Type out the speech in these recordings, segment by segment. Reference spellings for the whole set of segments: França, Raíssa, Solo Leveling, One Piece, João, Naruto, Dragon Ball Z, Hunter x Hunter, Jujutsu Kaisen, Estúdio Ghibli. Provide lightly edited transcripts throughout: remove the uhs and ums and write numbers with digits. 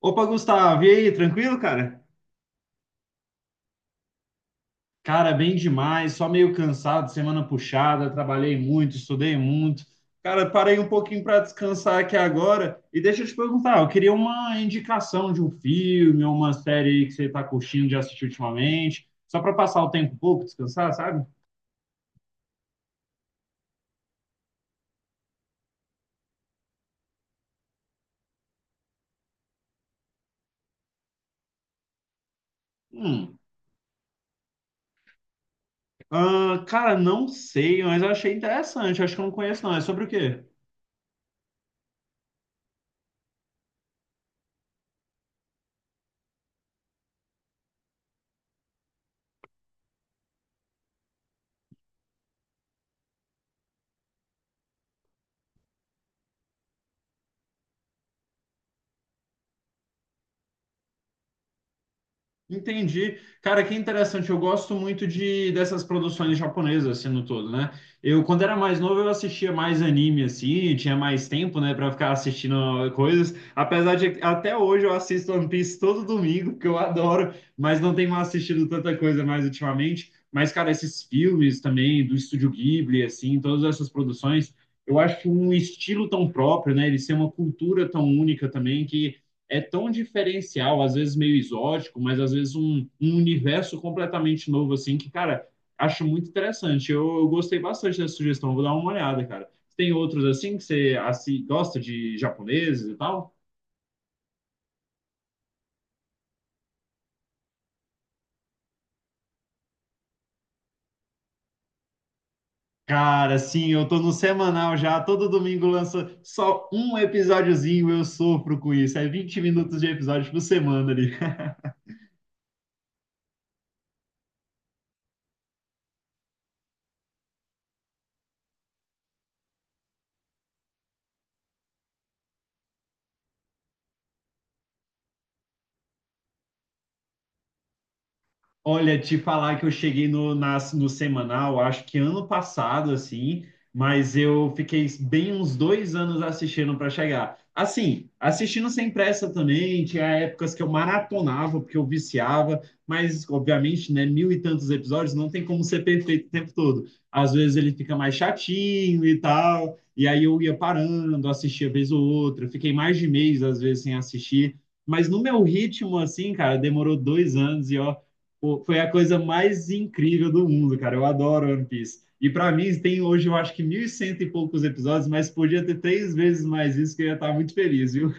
Opa, Gustavo, e aí, tranquilo, cara? Cara, bem demais, só meio cansado, semana puxada, trabalhei muito, estudei muito. Cara, parei um pouquinho para descansar aqui agora. E deixa eu te perguntar, eu queria uma indicação de um filme ou uma série aí que você tá curtindo de assistir ultimamente, só para passar o tempo um pouco, descansar, sabe? Hum. Ah, cara, não sei, mas eu achei interessante, acho que eu não conheço não. É sobre o quê? Entendi. Cara, que interessante. Eu gosto muito de dessas produções japonesas, assim, no todo, né? Eu, quando era mais novo, eu assistia mais anime, assim, tinha mais tempo, né, pra ficar assistindo coisas. Apesar de, até hoje, eu assisto One Piece todo domingo, que eu adoro, mas não tenho assistido tanta coisa mais ultimamente. Mas, cara, esses filmes também, do Estúdio Ghibli, assim, todas essas produções, eu acho um estilo tão próprio, né? Eles têm uma cultura tão única também que é tão diferencial, às vezes meio exótico, mas às vezes um universo completamente novo, assim, que, cara, acho muito interessante. Eu gostei bastante dessa sugestão, vou dar uma olhada, cara. Tem outros assim que você assim, gosta de japoneses e tal? Cara, sim, eu tô no semanal já, todo domingo lança só um episódiozinho, eu sofro com isso. É 20 minutos de episódio por semana ali. Olha, te falar que eu cheguei no semanal, acho que ano passado, assim, mas eu fiquei bem uns dois anos assistindo para chegar. Assim, assistindo sem pressa também, tinha épocas que eu maratonava, porque eu viciava, mas, obviamente, né, mil e tantos episódios, não tem como ser perfeito o tempo todo. Às vezes ele fica mais chatinho e tal, e aí eu ia parando, assistia vez ou outra, fiquei mais de mês, às vezes, sem assistir, mas no meu ritmo, assim, cara, demorou dois anos e, ó. Pô, foi a coisa mais incrível do mundo, cara. Eu adoro One Piece. E pra mim, tem hoje, eu acho que mil e cento e poucos episódios, mas podia ter três vezes mais isso, que eu ia estar muito feliz, viu?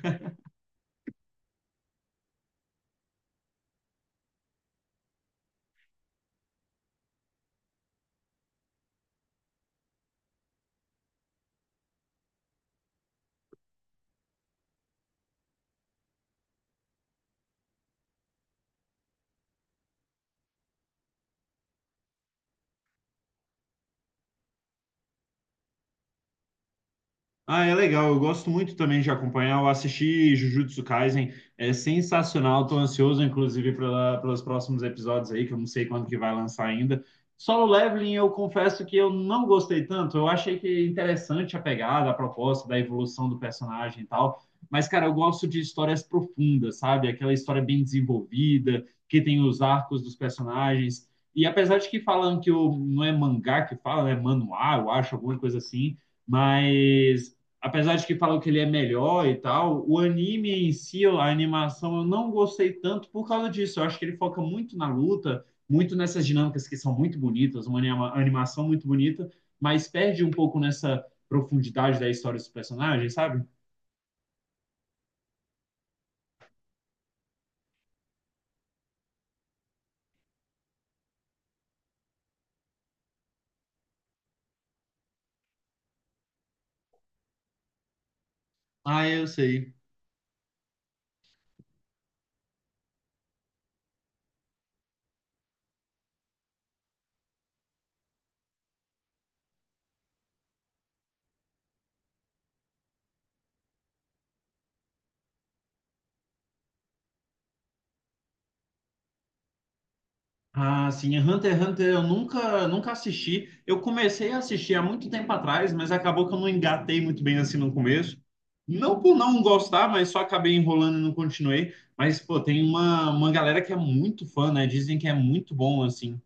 Ah, é legal. Eu gosto muito também de acompanhar. Eu assisti Jujutsu Kaisen, é sensacional. Tô ansioso, inclusive, pelos próximos episódios aí, que eu não sei quando que vai lançar ainda. Solo Leveling, eu confesso que eu não gostei tanto. Eu achei que é interessante a pegada, a proposta da evolução do personagem e tal. Mas, cara, eu gosto de histórias profundas, sabe? Aquela história bem desenvolvida, que tem os arcos dos personagens. E apesar de que falam que o, não é mangá que fala, né? Manuá, eu acho, alguma coisa assim. Mas apesar de que falam que ele é melhor e tal, o anime em si, a animação, eu não gostei tanto por causa disso. Eu acho que ele foca muito na luta, muito nessas dinâmicas que são muito bonitas, uma animação muito bonita, mas perde um pouco nessa profundidade da história dos personagens, sabe? Ah, eu sei. Ah, sim, é Hunter x Hunter eu nunca, nunca assisti. Eu comecei a assistir há muito tempo atrás, mas acabou que eu não engatei muito bem assim no começo. Não por não gostar, mas só acabei enrolando e não continuei. Mas, pô, tem uma galera que é muito fã, né? Dizem que é muito bom, assim.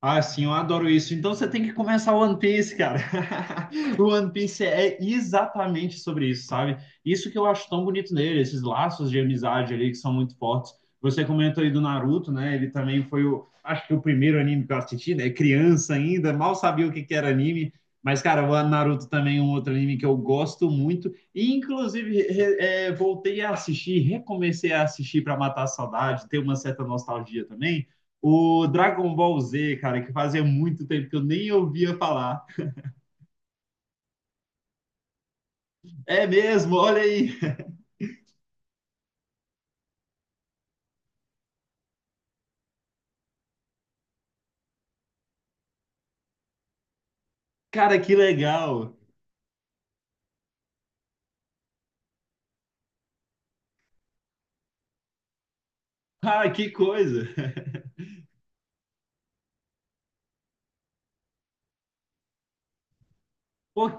Ah, sim, eu adoro isso. Então você tem que começar o One Piece, cara. O One Piece é exatamente sobre isso, sabe? Isso que eu acho tão bonito nele, esses laços de amizade ali que são muito fortes. Você comentou aí do Naruto, né? Ele também foi o, acho que o primeiro anime que eu assisti, né? Criança ainda, mal sabia o que que era anime. Mas, cara, o Naruto também é um outro anime que eu gosto muito. E, inclusive, voltei a assistir, recomecei a assistir para matar a saudade, ter uma certa nostalgia também. O Dragon Ball Z, cara, que fazia muito tempo que eu nem ouvia falar. É mesmo, olha aí. Cara, que legal. Ah, que coisa. Pô,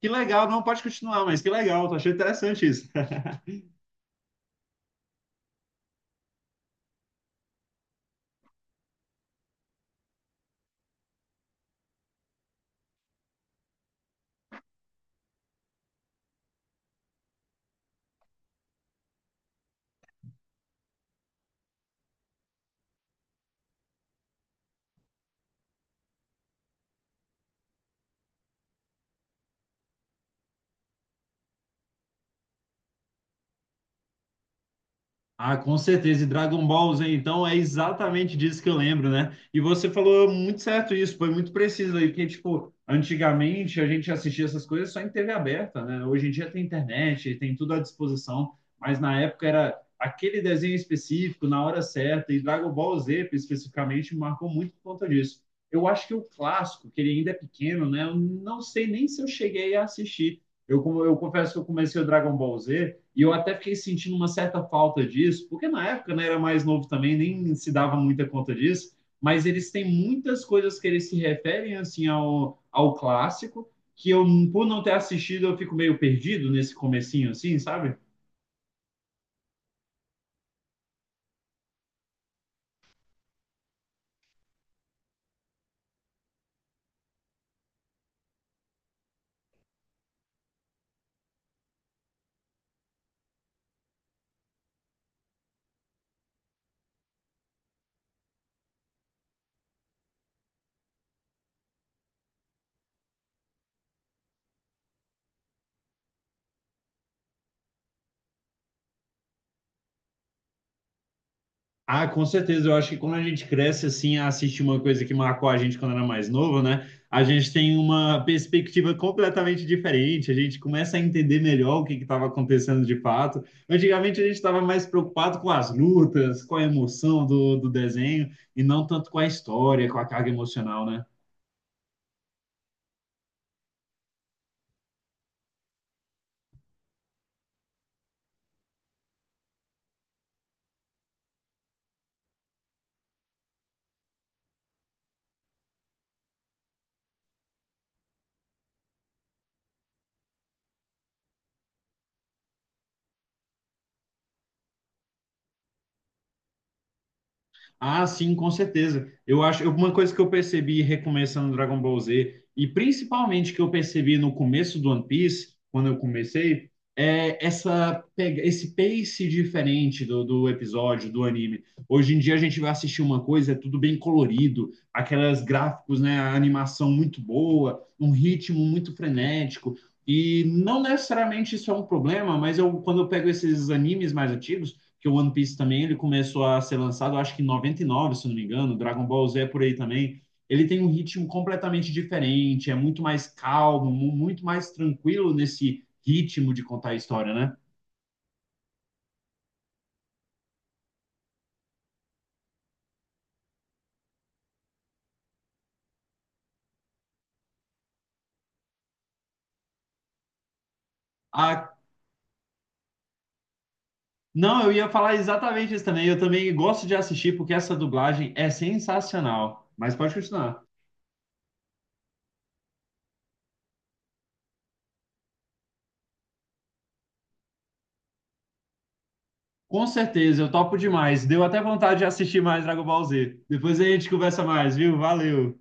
que legal, não pode continuar, mas que legal, tô achando interessante isso. Ah, com certeza. E Dragon Ball Z, então, é exatamente disso que eu lembro, né? E você falou muito certo isso, foi muito preciso aí, porque, tipo, antigamente a gente assistia essas coisas só em TV aberta, né? Hoje em dia tem internet, tem tudo à disposição, mas na época era aquele desenho específico, na hora certa, e Dragon Ball Z, especificamente, me marcou muito por conta disso. Eu acho que o clássico, que ele ainda é pequeno, né? Eu não sei nem se eu cheguei a assistir. Eu confesso que eu comecei o Dragon Ball Z e eu até fiquei sentindo uma certa falta disso, porque na época né, era mais novo também, nem se dava muita conta disso, mas eles têm muitas coisas que eles se referem assim ao clássico, que eu, por não ter assistido, eu fico meio perdido nesse comecinho, assim, sabe? Ah, com certeza. Eu acho que quando a gente cresce assim, a assistir uma coisa que marcou a gente quando era mais novo, né? A gente tem uma perspectiva completamente diferente. A gente começa a entender melhor o que estava acontecendo de fato. Antigamente a gente estava mais preocupado com as lutas, com a emoção do desenho e não tanto com a história, com a carga emocional, né? Ah, sim, com certeza. Eu acho, uma coisa que eu percebi recomeçando Dragon Ball Z, e principalmente que eu percebi no começo do One Piece, quando eu comecei, é essa pega, esse pace diferente do episódio, do anime. Hoje em dia a gente vai assistir uma coisa, é tudo bem colorido, aquelas gráficos, né, a animação muito boa, um ritmo muito frenético. E não necessariamente isso é um problema, mas eu, quando eu pego esses animes mais antigos, que o One Piece também ele começou a ser lançado, acho que em 99, se não me engano, Dragon Ball Z é por aí também. Ele tem um ritmo completamente diferente, é muito mais calmo, muito mais tranquilo nesse ritmo de contar a história, né? A... Não, eu ia falar exatamente isso também. Eu também gosto de assistir porque essa dublagem é sensacional. Mas pode continuar. Com certeza, eu topo demais. Deu até vontade de assistir mais Dragon Ball Z. Depois a gente conversa mais, viu? Valeu!